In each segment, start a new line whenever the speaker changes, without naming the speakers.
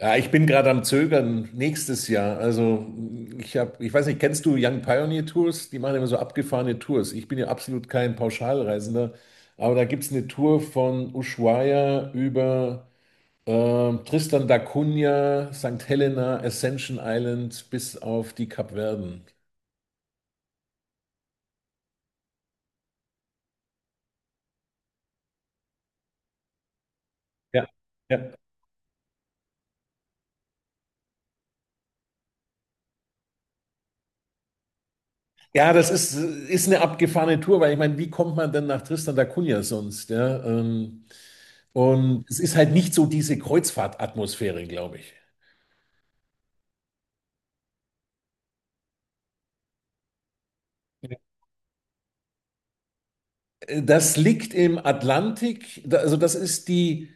Ja, ich bin gerade am Zögern nächstes Jahr. Also ich weiß nicht, kennst du Young Pioneer Tours? Die machen immer so abgefahrene Tours. Ich bin ja absolut kein Pauschalreisender, aber da gibt es eine Tour von Ushuaia über Tristan da Cunha, St. Helena, Ascension Island bis auf die Kapverden. Ja, ja. Ja, das ist eine abgefahrene Tour, weil ich meine, wie kommt man denn nach Tristan da Cunha sonst? Ja, und es ist halt nicht so diese Kreuzfahrtatmosphäre, glaube ich. Das liegt im Atlantik, also das ist die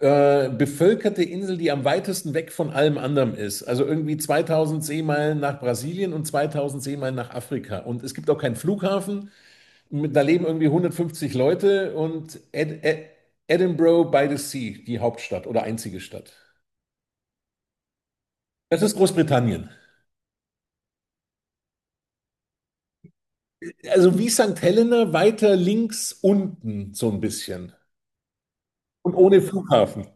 bevölkerte Insel, die am weitesten weg von allem anderem ist. Also irgendwie 2000 Seemeilen nach Brasilien und 2000 Seemeilen nach Afrika. Und es gibt auch keinen Flughafen. Da leben irgendwie 150 Leute und Ed Ed Edinburgh by the Sea, die Hauptstadt oder einzige Stadt. Das ist Großbritannien. Also wie St. Helena weiter links unten so ein bisschen und ohne Flughafen.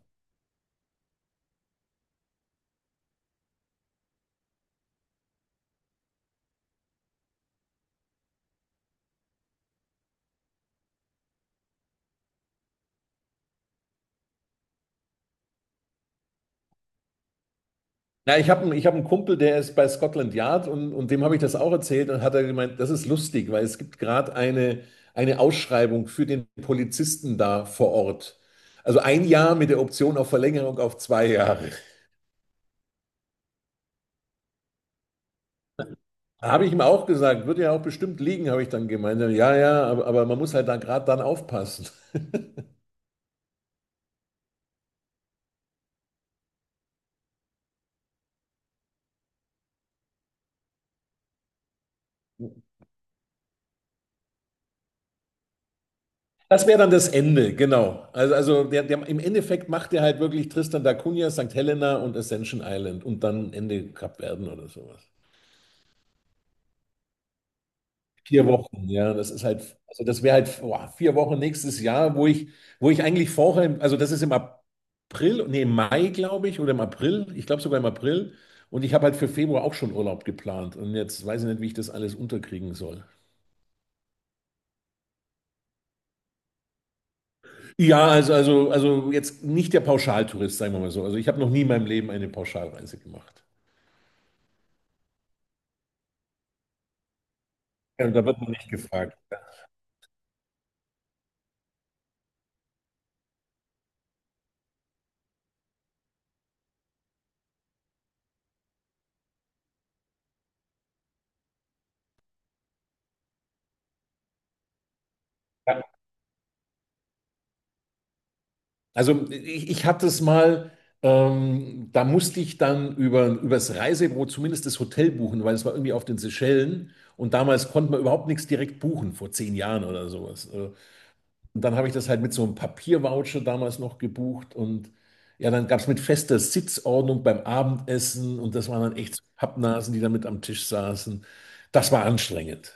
Na, ich hab einen Kumpel, der ist bei Scotland Yard, und dem habe ich das auch erzählt und hat er gemeint, das ist lustig, weil es gibt gerade eine Ausschreibung für den Polizisten da vor Ort. Also ein Jahr mit der Option auf Verlängerung auf 2 Jahre. Da habe ich ihm auch gesagt, wird ja auch bestimmt liegen, habe ich dann gemeint. Ja, ja, ja, aber man muss halt da gerade dann aufpassen. Das wäre dann das Ende, genau. Also, im Endeffekt macht er halt wirklich Tristan da Cunha, St. Helena und Ascension Island und dann Ende Kapverden oder sowas. 4 Wochen, ja, das ist halt, also das wäre halt boah, 4 Wochen nächstes Jahr, wo ich eigentlich vorher, also das ist im April, nee, im Mai, glaube ich, oder im April, ich glaube sogar im April. Und ich habe halt für Februar auch schon Urlaub geplant. Und jetzt weiß ich nicht, wie ich das alles unterkriegen soll. Ja, also, jetzt nicht der Pauschaltourist, sagen wir mal so. Also ich habe noch nie in meinem Leben eine Pauschalreise gemacht. Ja, und da wird man nicht gefragt. Ja. Also ich hatte es mal, da musste ich dann übers Reisebüro zumindest das Hotel buchen, weil es war irgendwie auf den Seychellen und damals konnte man überhaupt nichts direkt buchen, vor 10 Jahren oder sowas. Und dann habe ich das halt mit so einem Papiervoucher damals noch gebucht und ja, dann gab es mit fester Sitzordnung beim Abendessen und das waren dann echt so Pappnasen, die da mit am Tisch saßen. Das war anstrengend.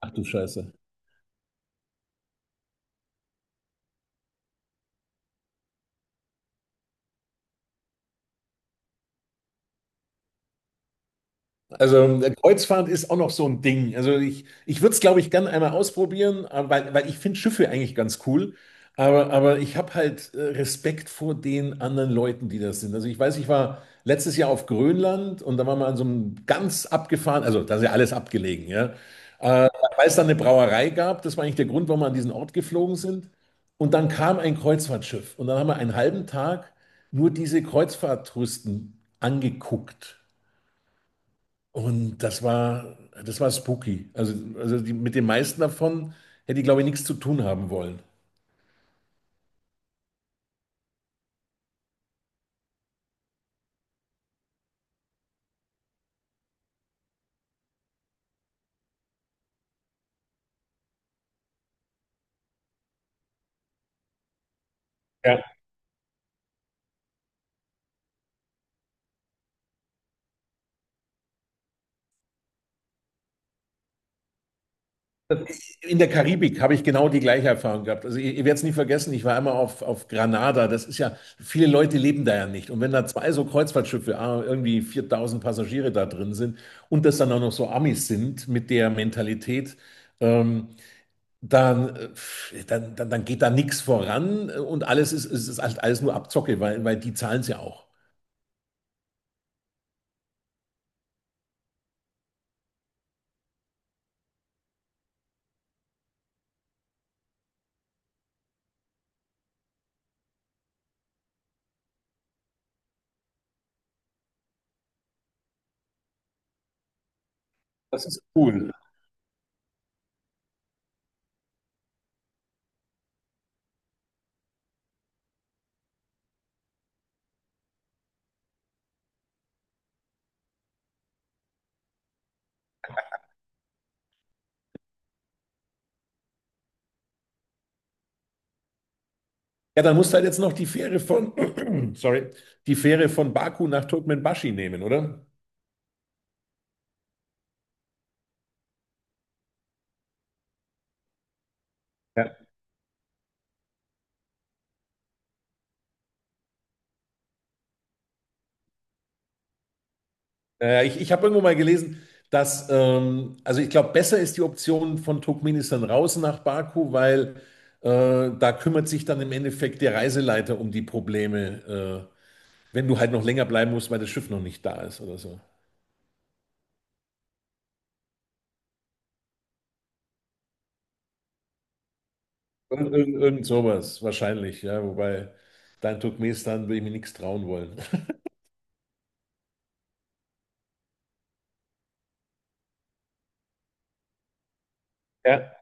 Ach du Scheiße. Also Kreuzfahrt ist auch noch so ein Ding. Also ich würde es, glaube ich, gern einmal ausprobieren, weil ich finde Schiffe eigentlich ganz cool. Aber ich habe halt Respekt vor den anderen Leuten, die das sind. Also ich weiß, ich war letztes Jahr auf Grönland und da waren wir an so einem ganz abgefahren, also da ist ja alles abgelegen, ja. Weil es dann eine Brauerei gab, das war eigentlich der Grund, warum wir an diesen Ort geflogen sind. Und dann kam ein Kreuzfahrtschiff und dann haben wir einen halben Tag nur diese Kreuzfahrttouristen angeguckt. Und das war spooky. Also, die, mit den meisten davon hätte ich, glaube ich, nichts zu tun haben wollen. Ja. In der Karibik habe ich genau die gleiche Erfahrung gehabt. Also ihr werdet es nie vergessen, ich war einmal auf Granada. Das ist ja, viele Leute leben da ja nicht. Und wenn da zwei so Kreuzfahrtschiffe, irgendwie 4000 Passagiere da drin sind und das dann auch noch so Amis sind mit der Mentalität, ähm, dann, äh, dann geht da nichts voran, und alles ist halt alles nur Abzocke, weil die zahlen es ja auch. Das ist cool. Ja, dann musst du halt jetzt noch sorry, die Fähre von Baku nach Turkmenbashi nehmen, oder? Naja, ich habe irgendwo mal gelesen, dass, also ich glaube, besser ist die Option von Turkmenistan raus nach Baku, weil da kümmert sich dann im Endeffekt der Reiseleiter um die Probleme, wenn du halt noch länger bleiben musst, weil das Schiff noch nicht da ist oder so. Irgend sowas, wahrscheinlich, ja. Wobei, da in Turkmenistan würde ich mir nichts trauen wollen. Ja.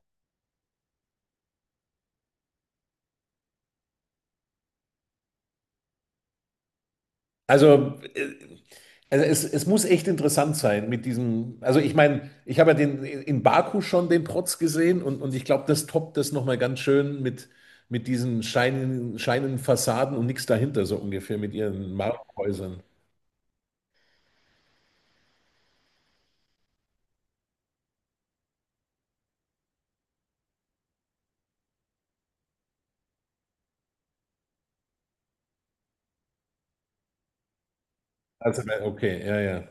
Also, äh, also, es muss echt interessant sein mit diesem. Also, ich meine, ich habe ja den, in Baku schon den Protz gesehen und ich glaube, das toppt das nochmal ganz schön mit diesen scheinen Fassaden und nichts dahinter, so ungefähr mit ihren Marmorhäusern. Also, okay, ja, ja.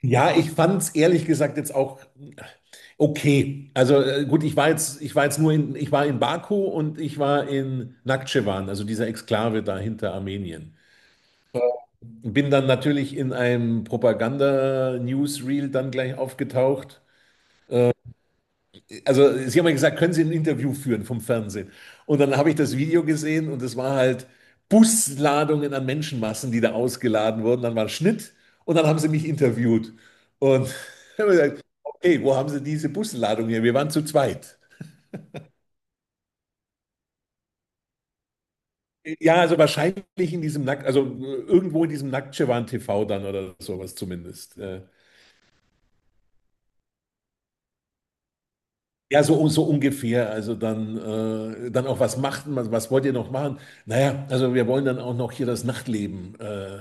Ja, ich fand es ehrlich gesagt jetzt auch okay. Also, gut, ich war in Baku und ich war in Nakhitschewan, also dieser Exklave da hinter Armenien. Bin dann natürlich in einem Propaganda-Newsreel dann gleich aufgetaucht. Also sie haben mir gesagt, können Sie ein Interview führen vom Fernsehen? Und dann habe ich das Video gesehen und es war halt Busladungen an Menschenmassen, die da ausgeladen wurden. Dann war ein Schnitt und dann haben sie mich interviewt. Und habe gesagt, okay, wo haben Sie diese Busladung her? Wir waren zu zweit. Ja, also wahrscheinlich in diesem Nackt, also irgendwo in diesem Nacktschwan TV dann oder sowas zumindest. Ja, so ungefähr. Also dann auch, was macht man, was wollt ihr noch machen? Naja, also wir wollen dann auch noch hier das Nachtleben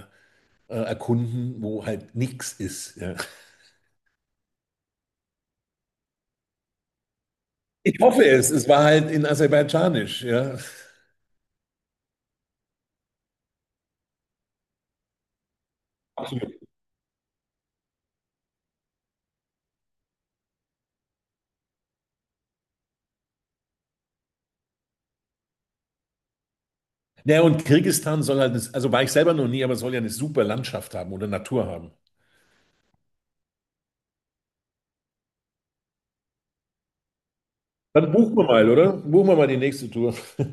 erkunden, wo halt nichts ist. Ja. Ich hoffe es. Es war halt in Aserbaidschanisch. Ja. Absolut. Ja, und Kirgisistan soll halt, also war ich selber noch nie, aber soll ja eine super Landschaft haben oder Natur haben. Dann buchen wir mal, oder? Buchen wir mal die nächste Tour.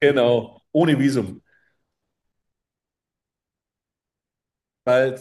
Genau, ohne Visum. Bald.